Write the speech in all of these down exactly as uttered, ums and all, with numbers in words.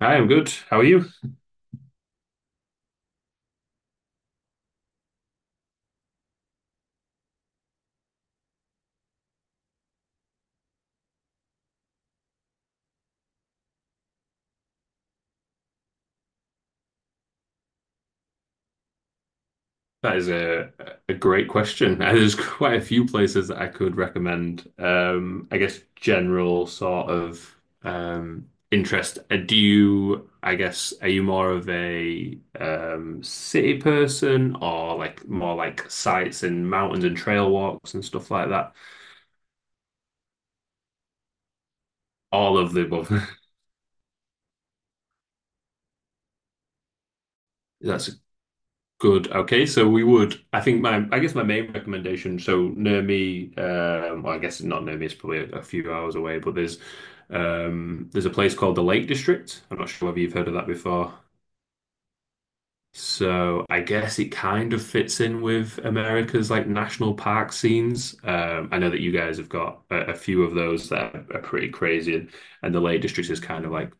I am good. How are you? That is a a great question. There's quite a few places that I could recommend. Um, I guess general sort of um, interest. Uh, Do you, I guess, are you more of a um, city person or like more like sites and mountains and trail walks and stuff like that? All of the above. That's Good. Okay, so we would. I think my, I guess my main recommendation. So near me, um, well, I guess not near me. It's probably a, a few hours away, but there's, um, there's a place called the Lake District. I'm not sure whether you've heard of that before. So I guess it kind of fits in with America's like national park scenes. Um, I know that you guys have got a, a few of those that are, are pretty crazy, and, and the Lake District is kind of like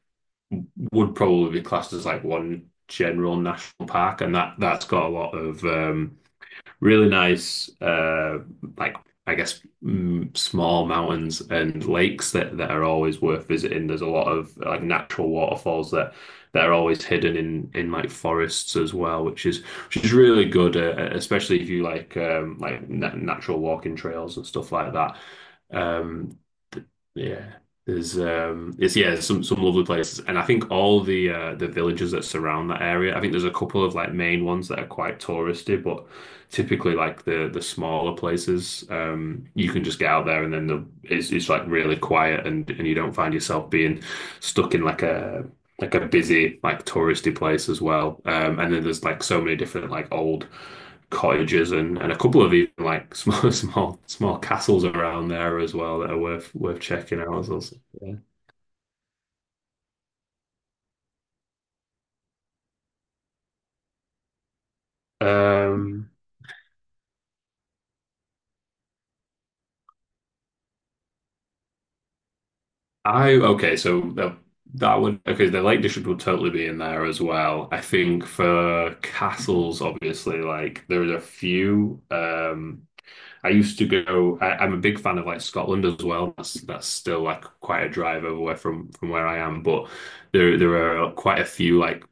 would probably be classed as like one general national park, and that that's got a lot of um really nice, uh, like I guess mm, small mountains and lakes that that are always worth visiting. There's a lot of like natural waterfalls that that are always hidden in in like forests as well, which is which is really good, uh, uh, especially if you like um, like na natural walking trails and stuff like that. Um, th- yeah. There's um it's yeah there's some some lovely places, and I think all the uh the villages that surround that area. I think there's a couple of like main ones that are quite touristy, but typically like the the smaller places, um, you can just get out there, and then the it's, it's like really quiet, and and you don't find yourself being stuck in like a like a busy like touristy place as well. Um, and then there's like so many different like old cottages and and a couple of even like small small small castles around there as well that are worth worth checking out as well. So, yeah. um I okay, so that that would okay. The Lake District would totally be in there as well. I think for castles, obviously, like there are a few. Um, I used to go. I, I'm a big fan of like Scotland as well. That's that's still like quite a drive over where from from where I am, but there there are quite a few like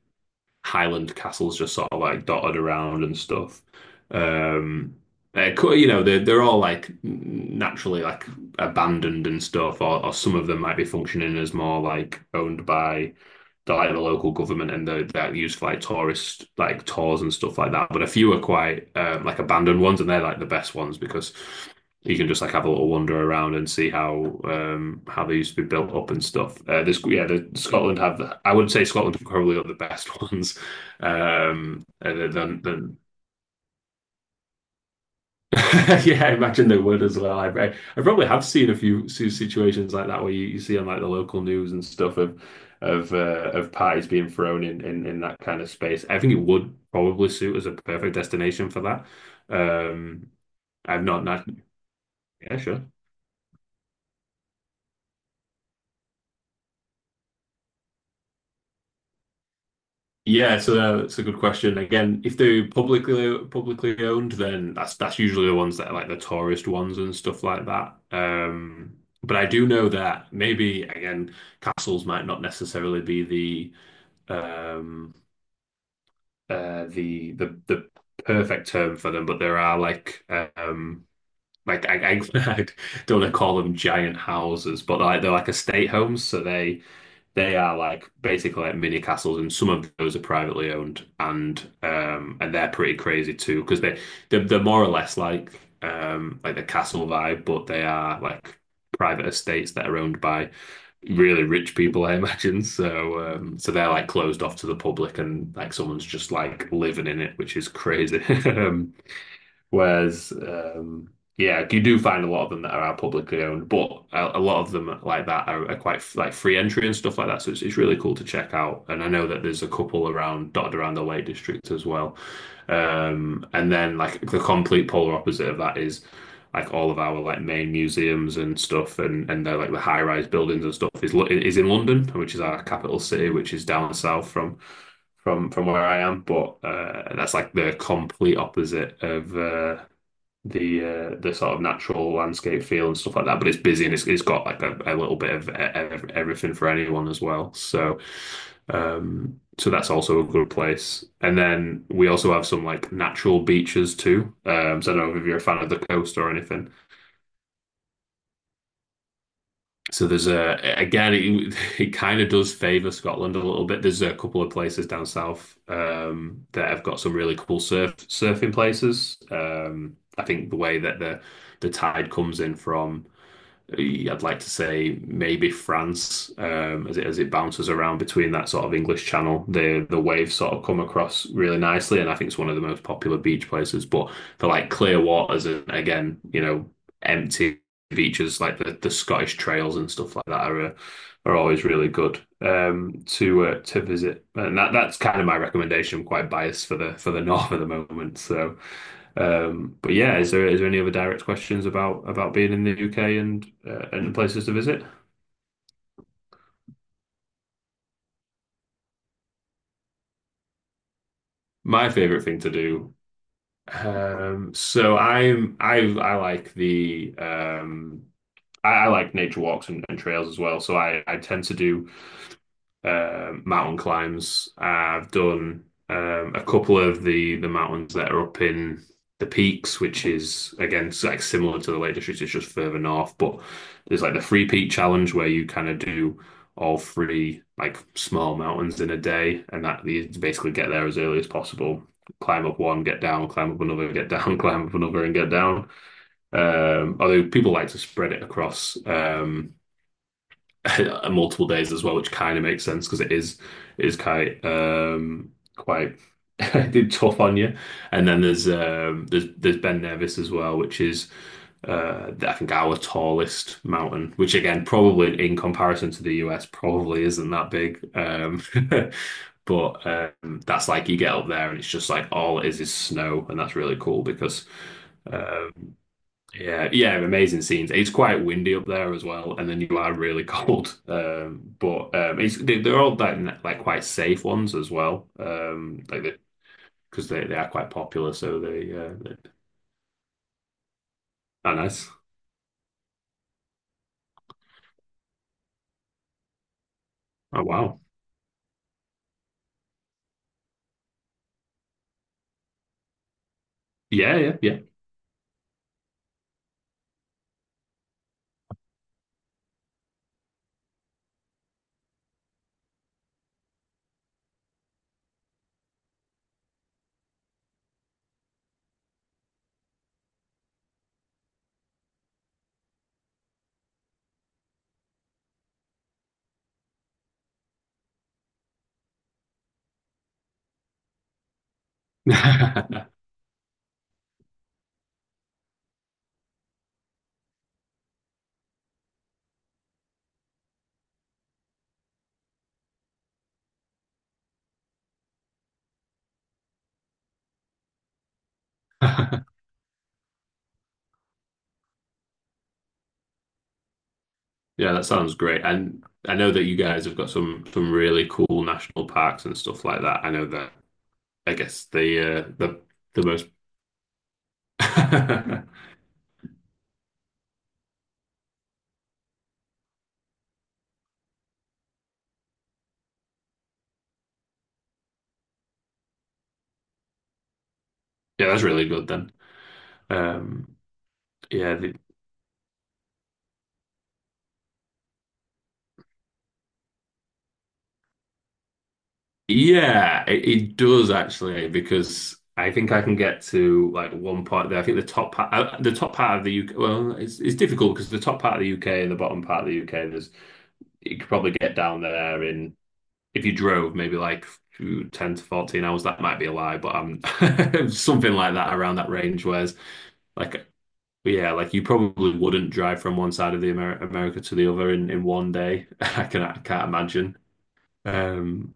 Highland castles just sort of like dotted around and stuff. Um, uh, co- you know, they're they're all like naturally like abandoned and stuff, or, or some of them might be functioning as more like owned by the like the local government and the that used for like tourist like tours and stuff like that. But a few are quite um, like abandoned ones, and they're like the best ones because you can just like have a little wander around and see how um how they used to be built up and stuff. Uh, this yeah, the, Scotland have the, I would say Scotland are probably are the best ones. Um, and then, then, Yeah, I imagine they would as well. I, I I probably have seen a few few situations like that where you, you see on like the local news and stuff of of uh, of parties being thrown in, in in that kind of space. I think it would probably suit as a perfect destination for that. Um, I've not, not, yeah, sure. Yeah, so that's a good question. Again, if they're publicly publicly owned, then that's that's usually the ones that are like the tourist ones and stuff like that. Um, but I do know that maybe again, castles might not necessarily be the um uh the the the perfect term for them, but there are like um like I, I, I don't want to call them giant houses, but like they're like estate homes, so they they are like basically like mini castles, and some of those are privately owned, and um, and they're pretty crazy too because they they're, they're more or less like um, like the castle vibe, but they are like private estates that are owned by really rich people, I imagine. So um, so they're like closed off to the public, and like someone's just like living in it, which is crazy. Whereas, um, yeah, you do find a lot of them that are, are publicly owned, but a, a lot of them like that are, are quite like free entry and stuff like that. So it's, it's really cool to check out. And I know that there's a couple around dotted around the Lake District as well. Um, and then like the complete polar opposite of that is like all of our like main museums and stuff, and and they're like the high rise buildings and stuff is Lo- is in London, which is our capital city, which is down south from from from where I am, but uh, that's like the complete opposite of uh, the uh, the sort of natural landscape feel and stuff like that. But it's busy, and it's it's got like a, a little bit of e- ev- everything for anyone as well. So um, so that's also a good place. And then we also have some like natural beaches too. Um, so I don't know if you're a fan of the coast or anything. So there's a again it, it kind of does favor Scotland a little bit. There's a couple of places down south um, that have got some really cool surf surfing places. Um, I think the way that the the tide comes in from yeah, I'd like to say maybe France, um, as it as it bounces around between that sort of English Channel, the the waves sort of come across really nicely, and I think it's one of the most popular beach places. But for like clear waters and again, you know, empty beaches like the, the Scottish trails and stuff like that are uh, are always really good um, to uh, to visit, and that that's kind of my recommendation. I'm quite biased for the for the north at the moment. So, um, but yeah, is there is there any other direct questions about about being in the U K and uh, and places to visit? My favorite thing to do. Um, so I'm I I like the um, I, I like nature walks and, and trails as well. So I I tend to do um mountain climbs. I've done um, a couple of the the mountains that are up in the peaks, which is again like similar to the Lake District. It's just further north. But there's like the three peak challenge where you kind of do all three like small mountains in a day, and that you basically get there as early as possible. Climb up one, get down, climb up another, get down, climb up another, and get down. Um, although people like to spread it across um, multiple days as well, which kind of makes sense because it is it is quite um quite tough on you. And then there's um there's there's Ben Nevis as well, which is uh I think our tallest mountain, which again probably in comparison to the U S probably isn't that big. Um but um that's like you get up there, and it's just like all it is is snow, and that's really cool because um, yeah, yeah, amazing scenes. It's quite windy up there as well, and then you are really cold. Um, but um, it's they, they're all like n- like quite safe ones as well. Um, like they, because they, they are quite popular, so they uh, they are nice. Oh wow, yeah, yeah, yeah, yeah. That sounds great. And I know that you guys have got some some really cool national parks and stuff like that. I know that. I guess the uh, the the most. Yeah, that's really good then. Um, yeah, Yeah, it, it does actually, because I think I can get to like one part there. I think the top part, uh, the top part of the U K. Well, it's it's difficult because the top part of the U K and the bottom part of the U K, there's you could probably get down there in if you drove maybe like ooh, ten to fourteen hours. That might be a lie, but um, something like that around that range. Whereas like yeah, like you probably wouldn't drive from one side of the Amer America to the other in in one day. I can I can't imagine. Um,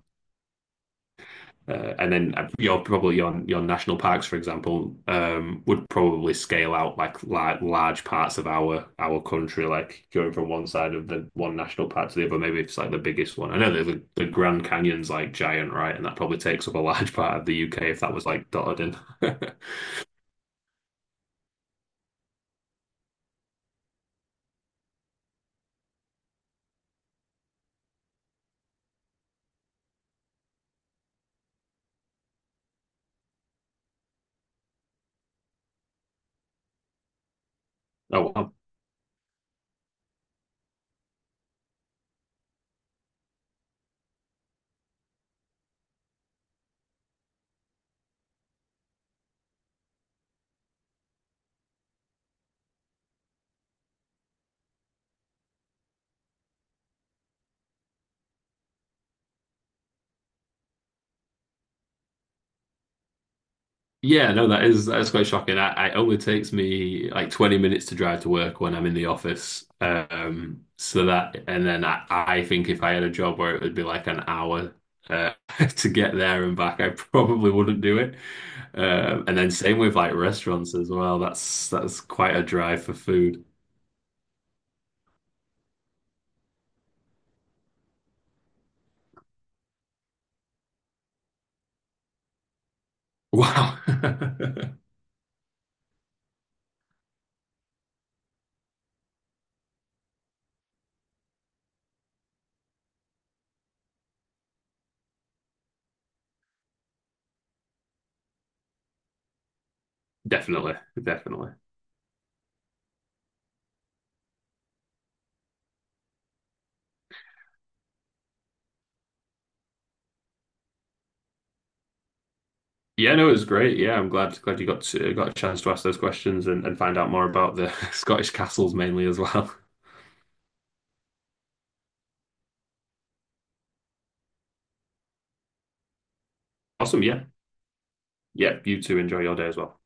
Uh, and then uh, your probably your your national parks, for example, um, would probably scale out like like large parts of our our country, like going from one side of the one national park to the other. Maybe it's like the biggest one. I know that the, the Grand Canyon's like giant, right? And that probably takes up a large part of the U K if that was like dotted in. Oh, Yeah, no, that is that is quite shocking. I, I only takes me like twenty minutes to drive to work when I'm in the office. Um, so that, and then I, I think if I had a job where it would be like an hour uh, to get there and back, I probably wouldn't do it. Um, and then same with like restaurants as well. That's that's quite a drive for food. Wow. Definitely, definitely. Yeah, no, it was great. Yeah, I'm glad glad you got to, got a chance to ask those questions and, and find out more about the Scottish castles mainly as well. Awesome. Yeah. Yeah. You two enjoy your day as well.